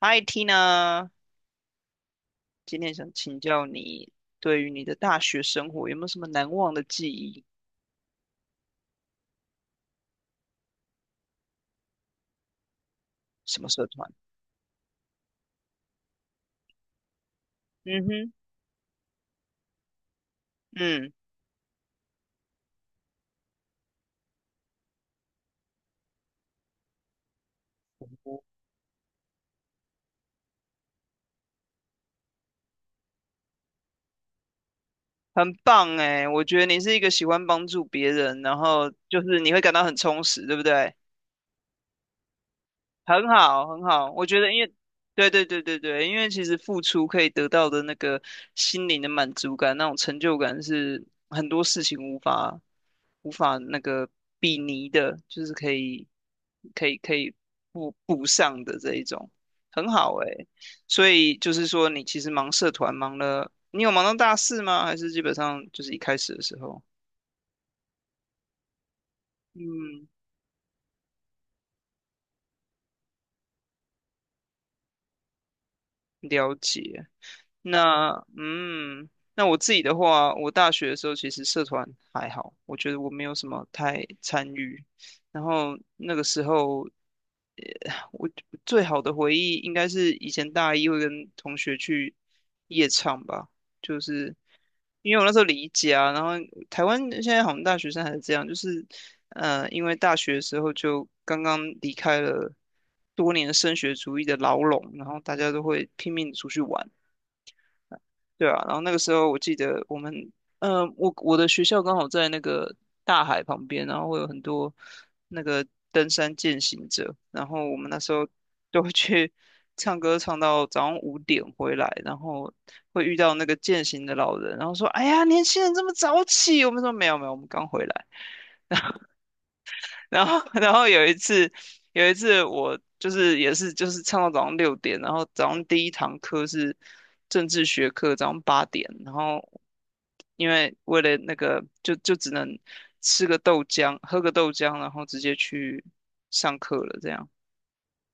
嗨，Tina，今天想请教你，对于你的大学生活有没有什么难忘的记忆？什么社团？嗯哼。嗯，很棒哎，我觉得你是一个喜欢帮助别人，然后就是你会感到很充实，对不对？很好，很好，我觉得，因为，对对对对对，因为其实付出可以得到的那个心灵的满足感，那种成就感是很多事情无法比拟的，就是可以补上的这一种，很好诶。所以就是说，你其实忙社团忙了，你有忙到大四吗？还是基本上就是一开始的时候？嗯。了解。那嗯，那我自己的话，我大学的时候其实社团还好，我觉得我没有什么太参与。然后那个时候，我最好的回忆应该是以前大一会跟同学去夜唱吧，就是因为我那时候离家，然后台湾现在好像大学生还是这样，就是因为大学的时候就刚刚离开了多年升学主义的牢笼，然后大家都会拼命出去玩。对啊，然后那个时候我记得我们，我的学校刚好在那个大海旁边，然后会有很多那个登山健行者，然后我们那时候都会去唱歌，唱到早上5点回来，然后会遇到那个健行的老人，然后说："哎呀，年轻人这么早起？"我们说："没有没有，我们刚回来。"然后 然后有一次我就是也是就是唱到早上6点，然后早上第一堂课是政治学课，早上8点，然后因为为了那个就只能吃个豆浆，喝个豆浆，然后直接去上课了这样。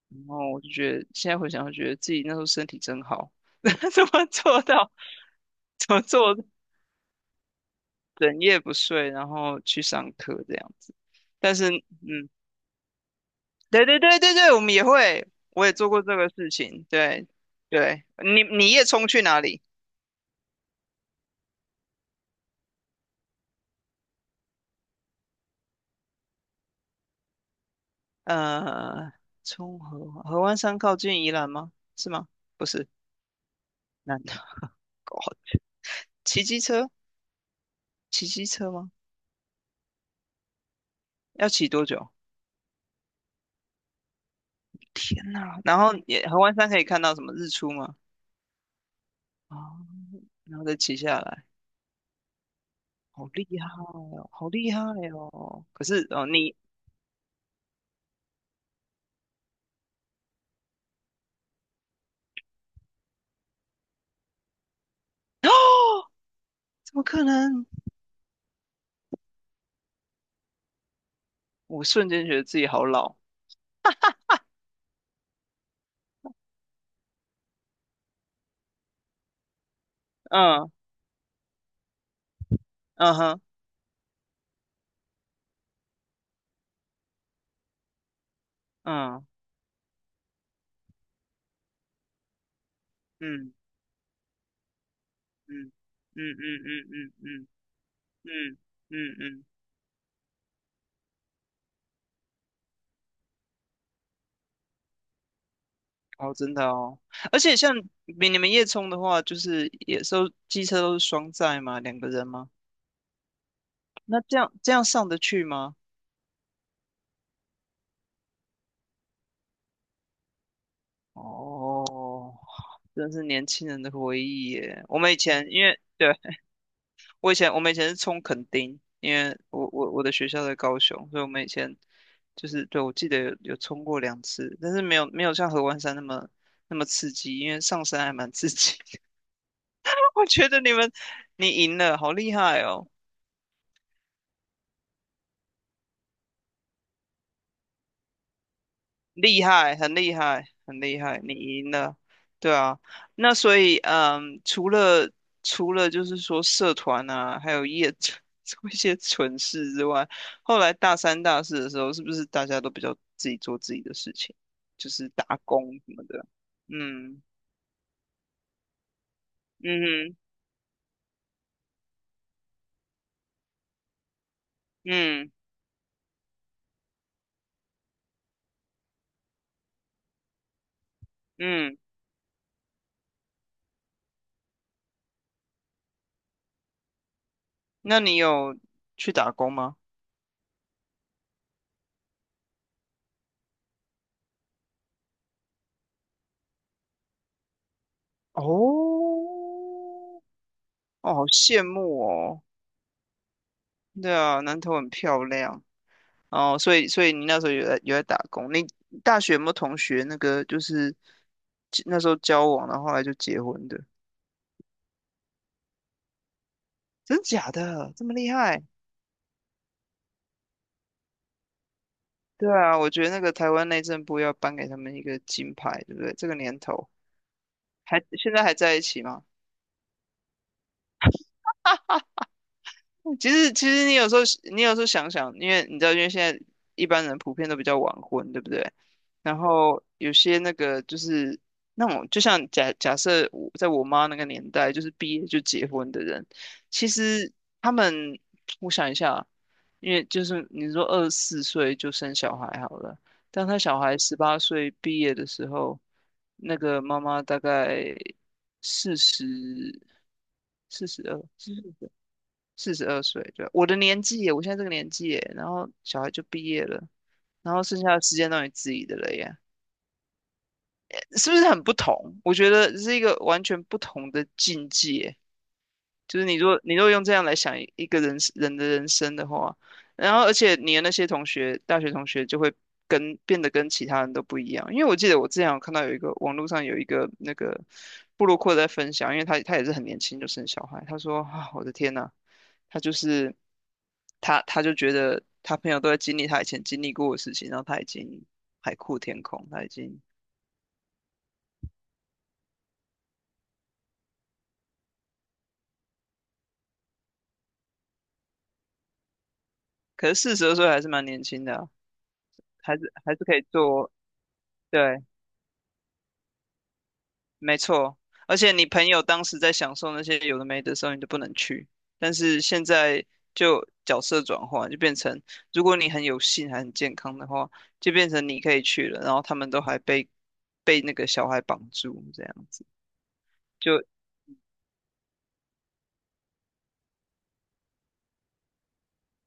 然后我就觉得现在回想，就觉得自己那时候身体真好，怎么做到怎么做整夜不睡，然后去上课这样子。但是，嗯，对对对对对，我们也会，我也做过这个事情。对对，你也冲去哪里？呃，冲河湾山靠近宜兰吗？是吗？不是，南投。哦，骑机车？骑机车吗？要骑多久？天哪！然后也河湾山可以看到什么日出吗？啊，然后再骑下来，好厉害哦，好厉害哦！可是哦，你 怎么可能？我瞬间觉得自己好老。嗯。嗯哼。嗯。嗯。嗯。嗯。嗯。嗯。嗯。嗯。嗯。嗯。哦，真的哦。而且像比你们夜冲的话，就是也都机车都是双载嘛，两个人吗？那这样上得去吗？哦，真是年轻人的回忆耶。我们以前因为对我们以前是冲垦丁，因为我的学校在高雄，所以我们以前就是对我记得有冲过两次，但是没有没有像合欢山那么那么刺激，因为上山还蛮刺激。我觉得你赢了，好厉害哦，厉害，很厉害，很厉害，你赢了，对啊。那所以，除了就是说社团啊，还有业 做一些蠢事之外，后来大三大四的时候，是不是大家都比较自己做自己的事情，就是打工什么的？嗯。嗯哼。嗯。嗯。那你有去打工吗？哦，哦，好羡慕哦。对啊，南投很漂亮哦，所以你那时候有在打工，你大学有没有同学那个就是那时候交往，然后后来就结婚的？真假的这么厉害？对啊，我觉得那个台湾内政部要颁给他们一个金牌，对不对？这个年头还现在还在一起吗？其实你有时候想想，因为你知道，因为现在一般人普遍都比较晚婚，对不对？然后有些那个就是那种，就像假假设我在我妈那个年代，就是毕业就结婚的人，其实他们，我想一下啊，因为就是你说二十四岁就生小孩好了，当他小孩18岁毕业的时候，那个妈妈大概四十四十二。四十二岁，对，我的年纪耶，我现在这个年纪耶，然后小孩就毕业了，然后剩下的时间都你自己的了耶，是不是很不同？我觉得是一个完全不同的境界，就是你若用这样来想一个人的人生的话，然后而且你的那些同学，大学同学就会变得跟其他人都不一样，因为我记得我之前有看到有一个网络上有一个那个布鲁克在分享，因为他也是很年轻就生小孩，他说啊，我的天呐！他就是他，就觉得他朋友都在经历他以前经历过的事情，然后他已经海阔天空，他已经，可是四十二岁还是蛮年轻的啊，还是可以做，对，没错。而且你朋友当时在享受那些有的没的时候，你就不能去。但是现在就角色转换，就变成如果你很有幸还很健康的话，就变成你可以去了，然后他们都还被那个小孩绑住这样子。就。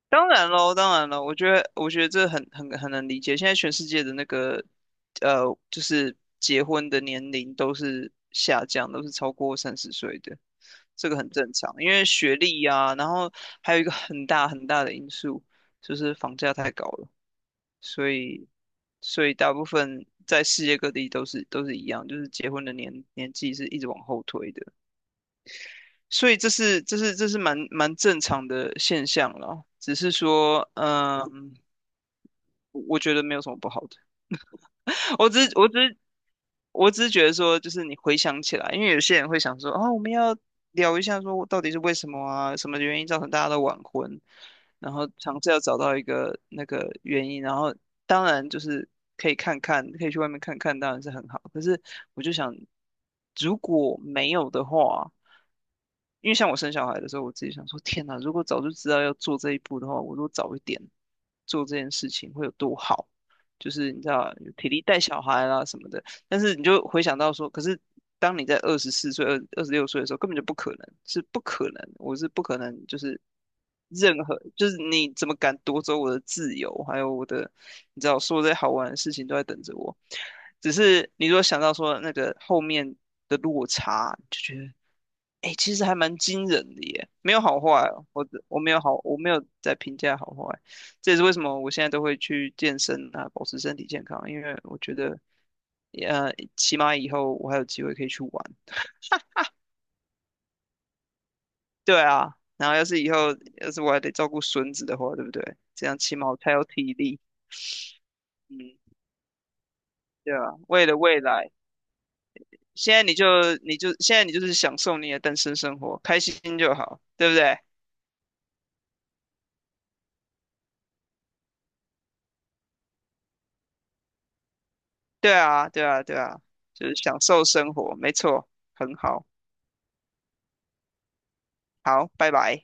当然喽，当然了，我觉得，我觉得这很能理解。现在全世界的那个，呃，就是结婚的年龄都是下降，都是超过30岁的，这个很正常。因为学历呀，然后还有一个很大很大的因素就是房价太高了，所以所以大部分在世界各地都是一样，就是结婚的年纪是一直往后推的。所以这是蛮正常的现象了，只是说，我觉得没有什么不好的，我只是我只是我只是觉得说，就是你回想起来，因为有些人会想说，啊，我们要聊一下，说到底是为什么啊，什么原因造成大家都晚婚，然后尝试要找到一个那个原因，然后当然就是可以看看，可以去外面看看，当然是很好。可是我就想，如果没有的话，因为像我生小孩的时候，我自己想说，天哪，如果早就知道要做这一步的话，我如果早一点做这件事情会有多好。就是你知道体力带小孩啦什么的，但是你就回想到说，可是当你在二十四岁、二十六岁的时候，根本就不可能，是不可能，我是不可能，就是任何，就是你怎么敢夺走我的自由，还有我的，你知道，所有这些好玩的事情都在等着我。只是你如果想到说那个后面的落差，就觉得哎，其实还蛮惊人的耶，没有好坏哦，我的我没有好，我没有在评价好坏，这也是为什么我现在都会去健身啊，保持身体健康，因为我觉得，起码以后我还有机会可以去玩，对啊，然后要是以后要是我还得照顾孙子的话，对不对？这样起码我才有体力，嗯，对啊，为了未来，现在你就现在你就是享受你的单身生活，开心就好，对不对？对啊，对啊，对啊，就是享受生活，没错，很好，好，拜拜。